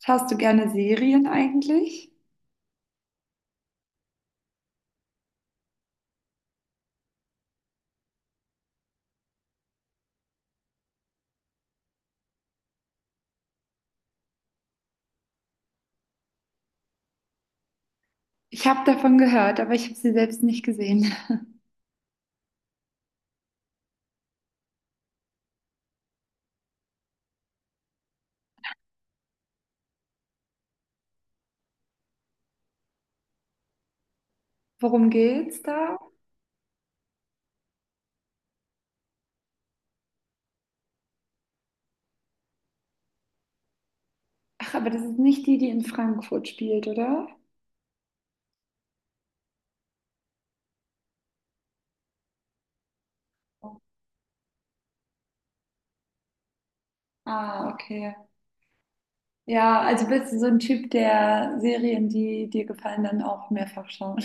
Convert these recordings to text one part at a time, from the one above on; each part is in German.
Schaust du gerne Serien eigentlich? Ich habe davon gehört, aber ich habe sie selbst nicht gesehen. Worum geht's da? Ach, aber das ist nicht die, die in Frankfurt spielt, oder? Ah, okay. Ja, also bist du so ein Typ, der Serien, die dir gefallen, dann auch mehrfach schauen.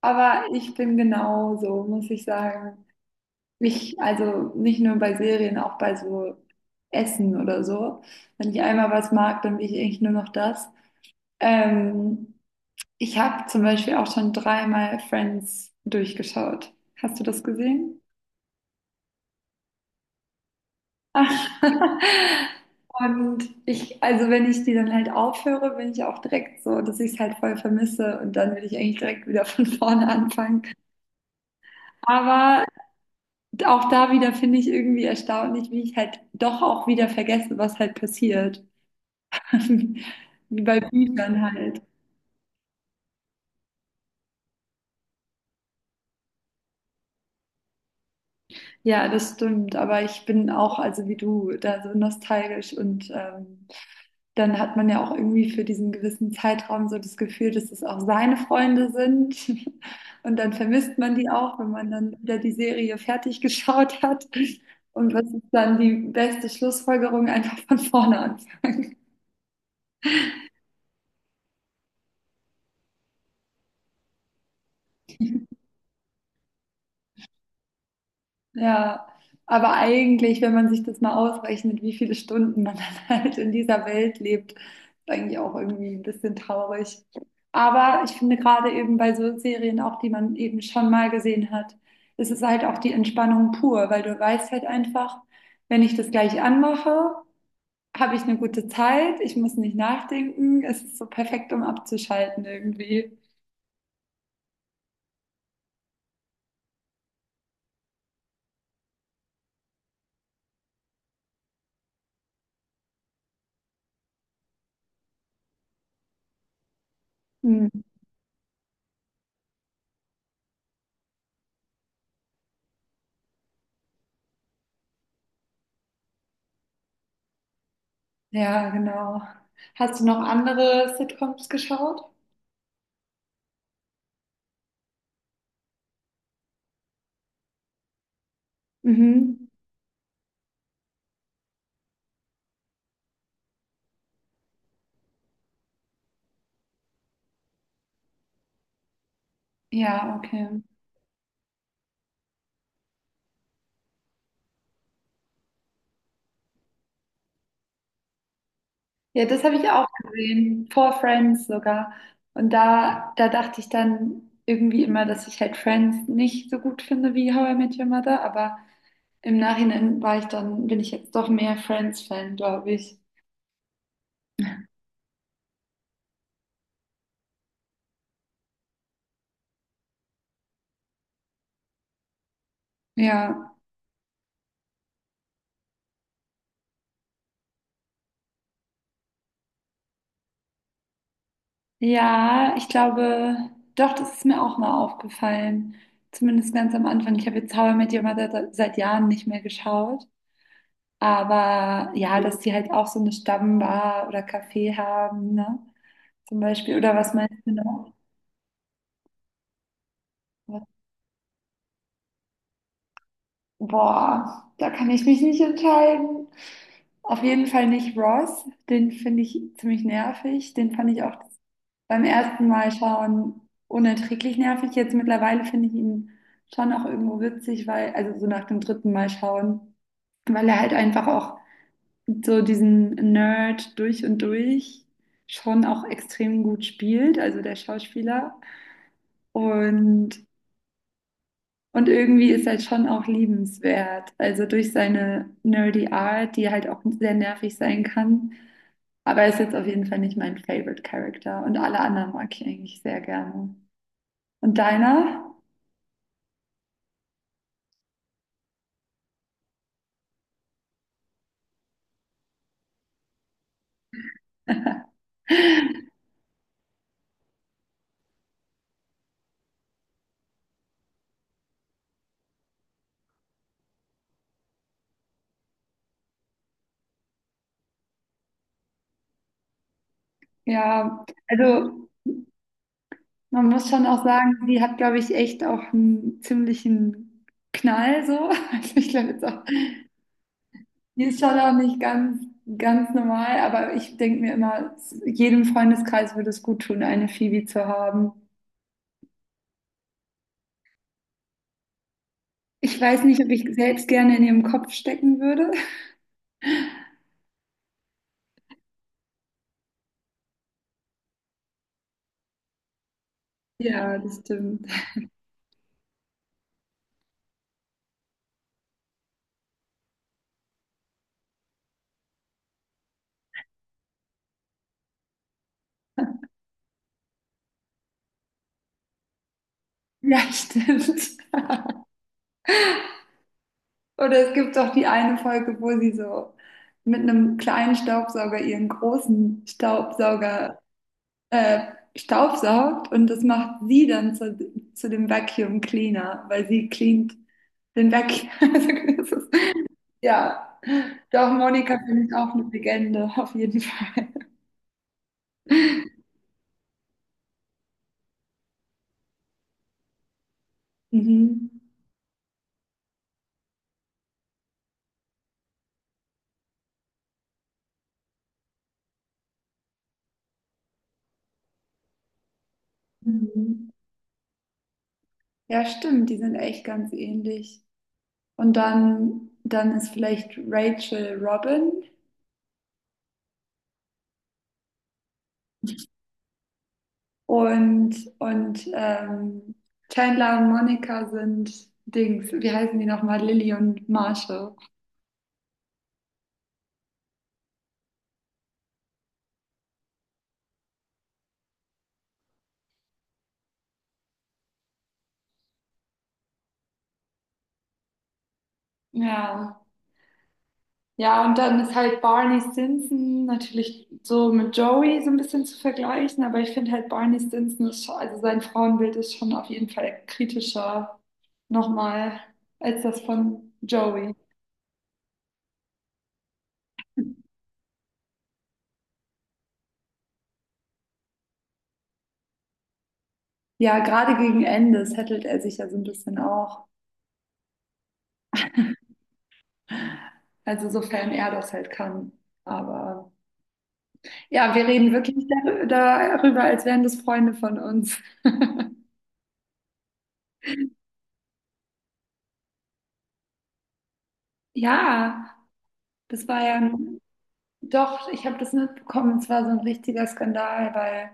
Aber ich bin genauso, muss ich sagen. Mich, also nicht nur bei Serien, auch bei so Essen oder so. Wenn ich einmal was mag, dann will ich eigentlich nur noch das. Ähm, Ich habe zum Beispiel auch schon dreimal Friends durchgeschaut. Hast du das gesehen? Und ich, also wenn ich die dann halt aufhöre, bin ich auch direkt so, dass ich es halt voll vermisse, und dann will ich eigentlich direkt wieder von vorne anfangen. Aber auch da wieder finde ich irgendwie erstaunlich, wie ich halt doch auch wieder vergesse, was halt passiert. Wie bei Büchern halt. Ja, das stimmt. Aber ich bin auch, also wie du, da so nostalgisch, und dann hat man ja auch irgendwie für diesen gewissen Zeitraum so das Gefühl, dass es auch seine Freunde sind. Und dann vermisst man die auch, wenn man dann wieder die Serie fertig geschaut hat. Und was ist dann die beste Schlussfolgerung? Einfach von vorne. Ja, aber eigentlich, wenn man sich das mal ausrechnet, wie viele Stunden man dann halt in dieser Welt lebt, ist eigentlich auch irgendwie ein bisschen traurig. Aber ich finde gerade eben bei so Serien auch, die man eben schon mal gesehen hat, ist es halt auch die Entspannung pur, weil du weißt halt einfach, wenn ich das gleich anmache, habe ich eine gute Zeit, ich muss nicht nachdenken, es ist so perfekt, um abzuschalten irgendwie. Hm. Ja, genau. Hast du noch andere Sitcoms geschaut? Mhm. Ja, okay. Ja, das habe ich auch gesehen, vor Friends sogar. Und da, da dachte ich dann irgendwie immer, dass ich halt Friends nicht so gut finde wie How I Met Your Mother, aber im Nachhinein war ich dann, bin ich jetzt doch mehr Friends-Fan, glaube ich. Ja. Ja, ich glaube, doch, das ist mir auch mal aufgefallen. Zumindest ganz am Anfang. Ich habe jetzt How I Met Your Mother seit Jahren nicht mehr geschaut. Aber ja, dass die halt auch so eine Stammbar oder Café haben, ne? Zum Beispiel. Oder was meinst du noch? Was- Boah, da kann ich mich nicht entscheiden. Auf jeden Fall nicht Ross. Den finde ich ziemlich nervig. Den fand ich auch beim ersten Mal schauen unerträglich nervig. Jetzt mittlerweile finde ich ihn schon auch irgendwo witzig, weil, also so nach dem dritten Mal schauen, weil er halt einfach auch so diesen Nerd durch und durch schon auch extrem gut spielt, also der Schauspieler. Und Und irgendwie ist halt schon auch liebenswert. Also durch seine nerdy Art, die halt auch sehr nervig sein kann. Aber er ist jetzt auf jeden Fall nicht mein Favorite Character. Und alle anderen mag ich eigentlich sehr gerne. Und deiner? Ja, also man muss schon auch sagen, sie hat, glaube ich, echt auch einen ziemlichen Knall so. Also ich glaube jetzt auch, die ist schon auch nicht ganz normal, aber ich denke mir immer, jedem Freundeskreis würde es gut tun, eine Phoebe zu haben. Ich weiß nicht, ob ich selbst gerne in ihrem Kopf stecken würde. Ja, das stimmt. Ja, stimmt. Oder es gibt doch die eine Folge, wo sie so mit einem kleinen Staubsauger ihren großen Staubsauger staubsaugt, und das macht sie dann zu dem Vacuum Cleaner, weil sie cleant den Vacuum. Also das ist- Ja, doch, Monika finde ich auch eine Legende, auf jeden Fall. Mhm. Mhm. Ja, stimmt, die sind echt ganz ähnlich. Und dann ist vielleicht Rachel Robin und, und Chandler und Monica sind Dings. Wie heißen die nochmal? Lily und Marshall. Ja. Ja, und dann ist halt Barney Stinson natürlich so mit Joey so ein bisschen zu vergleichen, aber ich finde halt Barney Stinson ist schon, also sein Frauenbild ist schon auf jeden Fall kritischer nochmal als das von Joey. Ja, gerade gegen Ende settelt er sich ja so ein bisschen auch. Also sofern er das halt kann. Aber ja, wir reden wirklich darüber, als wären das Freunde von uns. Ja, das war ja ein, doch, ich habe das mitbekommen, es war so ein richtiger Skandal, weil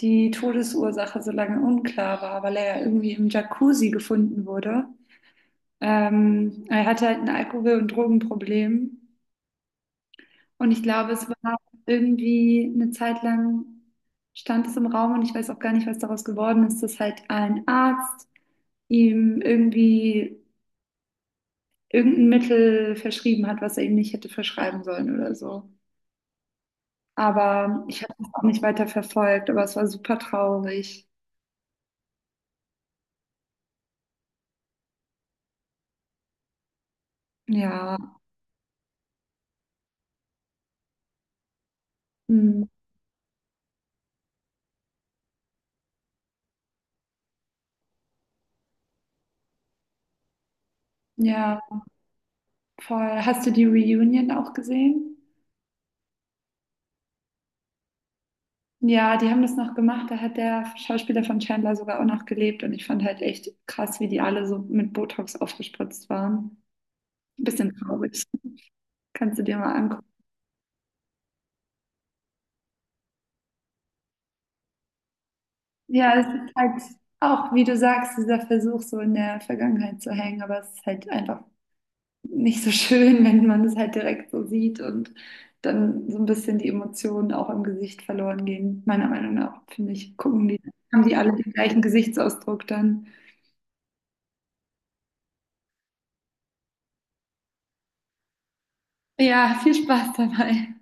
die Todesursache so lange unklar war, weil er ja irgendwie im Jacuzzi gefunden wurde. Er hatte halt ein Alkohol- und Drogenproblem. Und ich glaube, es war irgendwie eine Zeit lang stand es im Raum, und ich weiß auch gar nicht, was daraus geworden ist, dass halt ein Arzt ihm irgendwie irgendein Mittel verschrieben hat, was er ihm nicht hätte verschreiben sollen oder so. Aber ich habe das auch nicht weiter verfolgt, aber es war super traurig. Ja, mm, ja, voll. Hast du die Reunion auch gesehen? Ja, die haben das noch gemacht. Da hat der Schauspieler von Chandler sogar auch noch gelebt. Und ich fand halt echt krass, wie die alle so mit Botox aufgespritzt waren. Ein bisschen traurig. Kannst du dir mal angucken. Ja, es ist halt auch, wie du sagst, dieser Versuch, so in der Vergangenheit zu hängen. Aber es ist halt einfach nicht so schön, wenn man es halt direkt so sieht, und dann so ein bisschen die Emotionen auch im Gesicht verloren gehen. Meiner Meinung nach, finde ich, gucken die, haben die alle den gleichen Gesichtsausdruck dann. Ja, viel Spaß dabei.